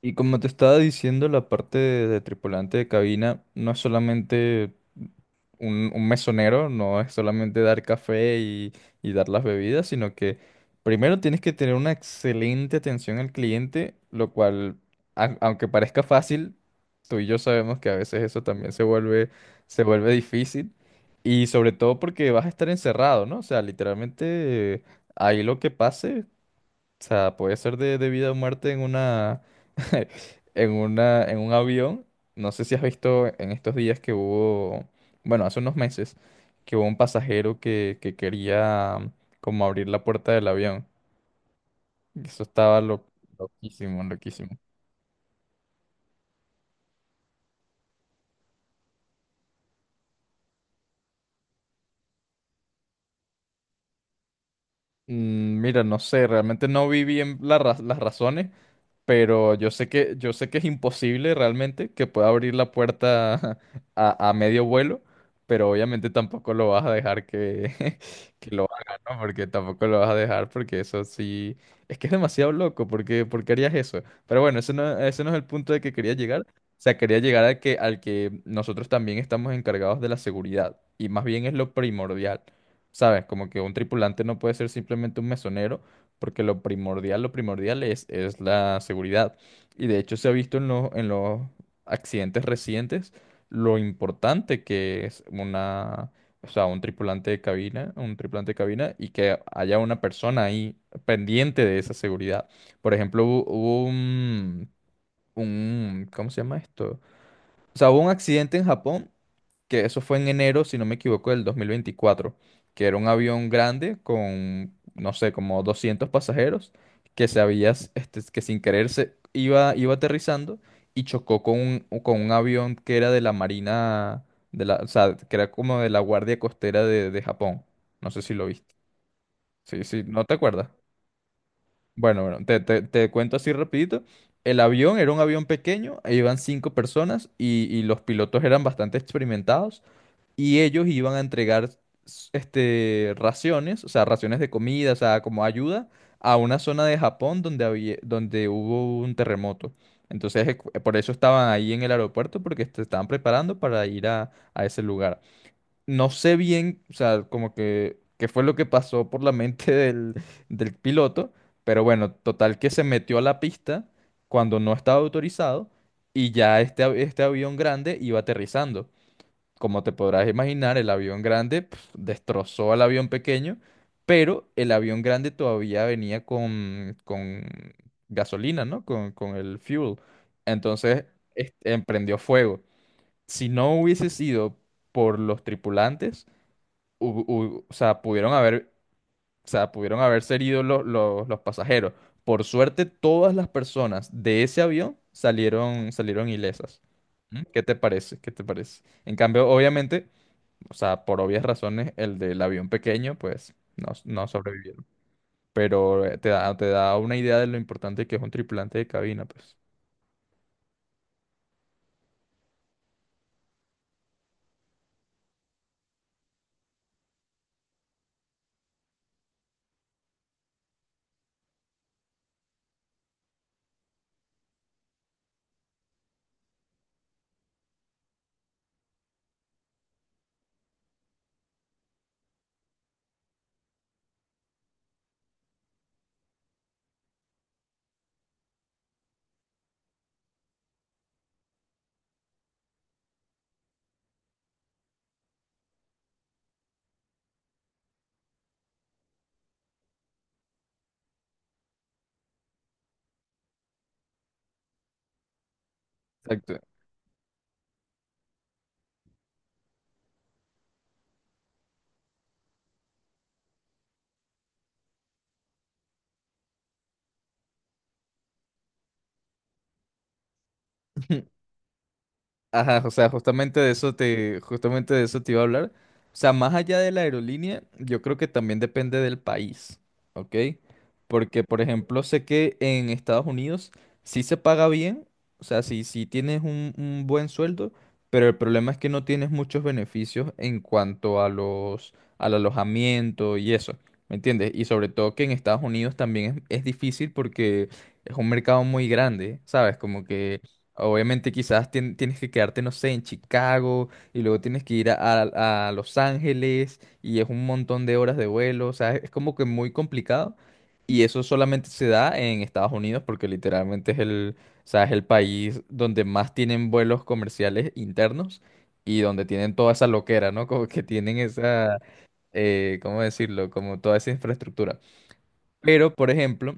Y como te estaba diciendo, la parte de tripulante de cabina no es solamente un mesonero, no es solamente dar café y dar las bebidas, sino que primero tienes que tener una excelente atención al cliente, lo cual, aunque parezca fácil, tú y yo sabemos que a veces eso también se vuelve difícil. Y sobre todo porque vas a estar encerrado, ¿no? O sea, literalmente eh, ahí lo que pase. O sea, puede ser de vida o muerte en una, en un avión. No sé si has visto en estos días que hubo, bueno, hace unos meses, que hubo un pasajero que quería como abrir la puerta del avión. Eso estaba loquísimo, loquísimo. Mira, no sé, realmente no vi bien las razones, pero yo sé que es imposible realmente que pueda abrir la puerta a medio vuelo, pero obviamente tampoco lo vas a dejar que, que lo haga, ¿no? Porque tampoco lo vas a dejar, porque eso sí, es que es demasiado loco, porque, ¿por qué harías eso? Pero bueno, ese no es el punto de que quería llegar. O sea, quería llegar a que, al que nosotros también estamos encargados de la seguridad, y más bien es lo primordial. ¿Sabes? Como que un tripulante no puede ser simplemente un mesonero, porque lo primordial es la seguridad. Y de hecho se ha visto en los, accidentes recientes lo importante que es una, o sea, un tripulante de cabina, un tripulante de cabina y que haya una persona ahí pendiente de esa seguridad. Por ejemplo, hubo un, ¿cómo se llama esto? O sea, hubo un accidente en Japón, que eso fue en enero, si no me equivoco, del 2024, que era un avión grande con, no sé, como 200 pasajeros, que se había, que sin querer se iba, iba aterrizando y chocó con un avión que era de la Marina, de la, o sea, que era como de la Guardia Costera de Japón. No sé si lo viste. Sí, sí, ¿no te acuerdas? Bueno, bueno, te cuento así rapidito. El avión era un avión pequeño, e iban cinco personas y los pilotos eran bastante experimentados y ellos iban a entregar raciones, o sea, raciones de comida, o sea, como ayuda a una zona de Japón donde había, donde hubo un terremoto. Entonces, por eso estaban ahí en el aeropuerto porque se estaban preparando para ir a ese lugar. No sé bien, o sea, como que qué fue lo que pasó por la mente del piloto, pero bueno, total que se metió a la pista cuando no estaba autorizado y ya este avión grande iba aterrizando. Como te podrás imaginar, el avión grande destrozó al avión pequeño, pero el avión grande todavía venía con gasolina, ¿no? Con el fuel. Entonces, emprendió fuego. Si no hubiese sido por los tripulantes, o sea, pudieron haber, o sea, pudieron haberse herido los pasajeros. Por suerte, todas las personas de ese avión salieron ilesas. ¿Mm? ¿Qué te parece? ¿Qué te parece? En cambio, obviamente, o sea, por obvias razones, el del avión pequeño, pues, no, no sobrevivieron. Pero te da una idea de lo importante que es un tripulante de cabina, pues. Exacto. Ajá, o sea, justamente de eso te, justamente de eso te iba a hablar. O sea, más allá de la aerolínea, yo creo que también depende del país, ¿ok? Porque, por ejemplo, sé que en Estados Unidos sí se paga bien, o sea, sí, sí tienes un buen sueldo, pero el problema es que no tienes muchos beneficios en cuanto a los, al alojamiento y eso, ¿me entiendes? Y sobre todo que en Estados Unidos también es difícil porque es un mercado muy grande, ¿sabes? Como que obviamente quizás tienes que quedarte, no sé, en Chicago y luego tienes que ir a Los Ángeles y es un montón de horas de vuelo, o sea, es como que muy complicado y eso solamente se da en Estados Unidos porque literalmente es el, o sea, es el país donde más tienen vuelos comerciales internos y donde tienen toda esa loquera, ¿no? Como que tienen esa, ¿cómo decirlo? Como toda esa infraestructura. Pero, por ejemplo,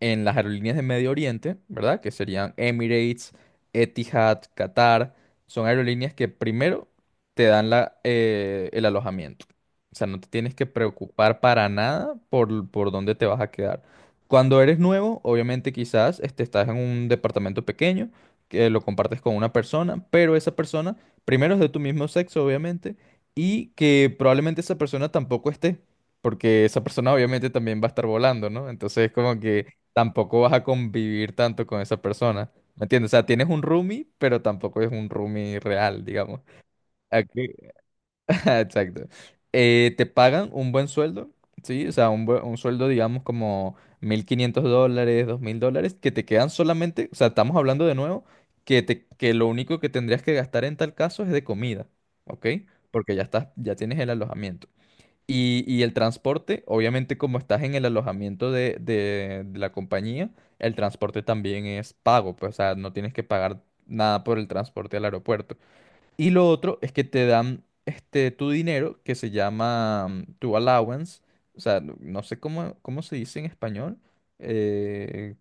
en las aerolíneas de Medio Oriente, ¿verdad? Que serían Emirates, Etihad, Qatar. Son aerolíneas que primero te dan el alojamiento. O sea, no te tienes que preocupar para nada por, dónde te vas a quedar. Cuando eres nuevo, obviamente quizás estás en un departamento pequeño que lo compartes con una persona, pero esa persona primero es de tu mismo sexo, obviamente, y que probablemente esa persona tampoco esté, porque esa persona obviamente también va a estar volando, ¿no? Entonces, como que tampoco vas a convivir tanto con esa persona. ¿Me entiendes? O sea, tienes un roomie, pero tampoco es un roomie real, digamos. Aquí- Exacto. Te pagan un buen sueldo, ¿sí? O sea, un sueldo, digamos, como $1,500, $2,000, que te quedan solamente, o sea, estamos hablando de nuevo, que lo único que tendrías que gastar en tal caso es de comida, ¿ok? Porque ya estás, ya tienes el alojamiento. Y el transporte, obviamente como estás en el alojamiento de la compañía, el transporte también es pago, pues, o sea, no tienes que pagar nada por el transporte al aeropuerto. Y lo otro es que te dan tu dinero, que se llama tu allowance, o sea, no sé cómo, se dice en español, eh,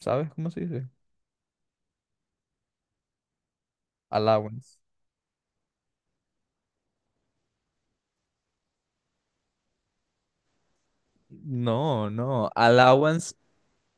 ¿sabes cómo se dice? Allowance. No, no, allowance.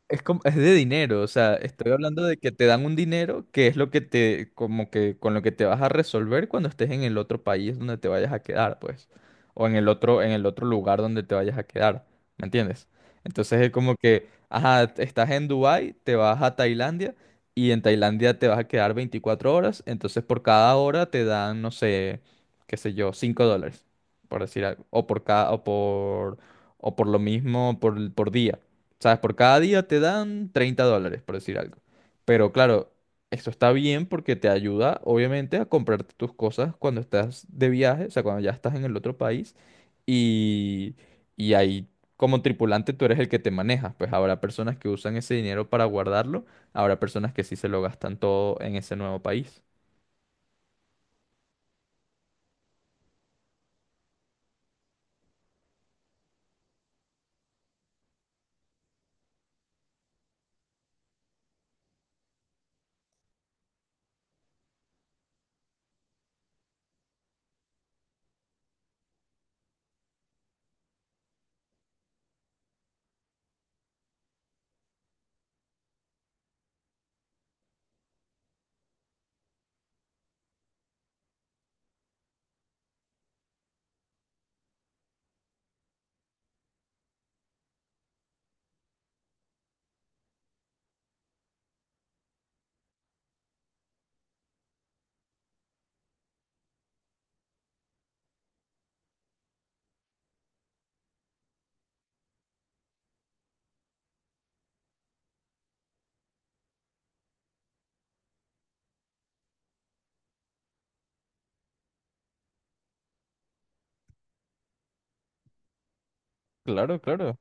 Es como, es de dinero, o sea, estoy hablando de que te dan un dinero que es lo que te, como que con lo que te vas a resolver cuando estés en el otro país donde te vayas a quedar, pues, o en el otro, lugar donde te vayas a quedar, ¿me entiendes? Entonces es como que, ajá, estás en Dubái, te vas a Tailandia y en Tailandia te vas a quedar 24 horas, entonces por cada hora te dan, no sé, qué sé yo, $5, por decir algo, o por cada, o por lo mismo por día. ¿Sabes? Por cada día te dan $30, por decir algo. Pero claro, eso está bien porque te ayuda, obviamente, a comprarte tus cosas cuando estás de viaje, o sea, cuando ya estás en el otro país. Y, y ahí, como tripulante, tú eres el que te manejas. Pues habrá personas que usan ese dinero para guardarlo, habrá personas que sí se lo gastan todo en ese nuevo país. Claro, claro,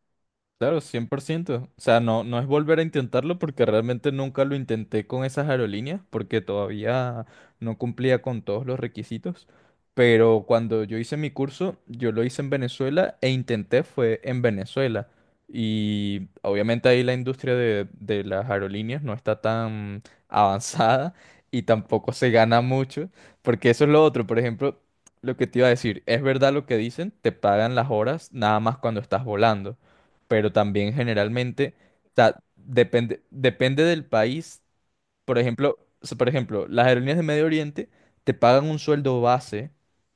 claro, 100%. O sea, no, no es volver a intentarlo porque realmente nunca lo intenté con esas aerolíneas porque todavía no cumplía con todos los requisitos. Pero cuando yo hice mi curso, yo lo hice en Venezuela e intenté fue en Venezuela. Y obviamente ahí la industria de las aerolíneas no está tan avanzada y tampoco se gana mucho porque eso es lo otro. Por ejemplo, lo que te iba a decir, es verdad lo que dicen, te pagan las horas nada más cuando estás volando, pero también generalmente, o sea, depende, del país. Por ejemplo, o sea, por ejemplo, las aerolíneas de Medio Oriente te pagan un sueldo base,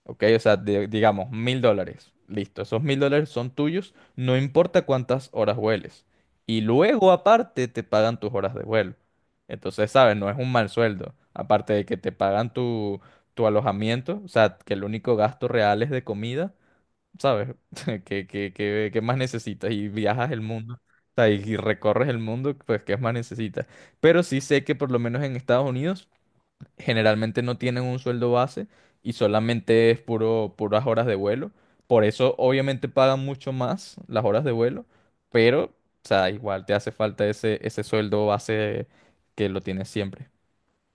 ¿ok? O sea, digamos, $1,000. Listo, esos $1,000 son tuyos, no importa cuántas horas vueles. Y luego, aparte, te pagan tus horas de vuelo. Entonces, ¿sabes? No es un mal sueldo. Aparte de que te pagan tu alojamiento, o sea, que el único gasto real es de comida. ¿Sabes? ¿Qué más necesitas? Y viajas el mundo, o sea, y recorres el mundo, pues ¿qué más necesitas? Pero sí sé que por lo menos en Estados Unidos generalmente no tienen un sueldo base y solamente es puro, puras horas de vuelo. Por eso obviamente pagan mucho más las horas de vuelo, pero, o sea, igual te hace falta ese sueldo base que lo tienes siempre.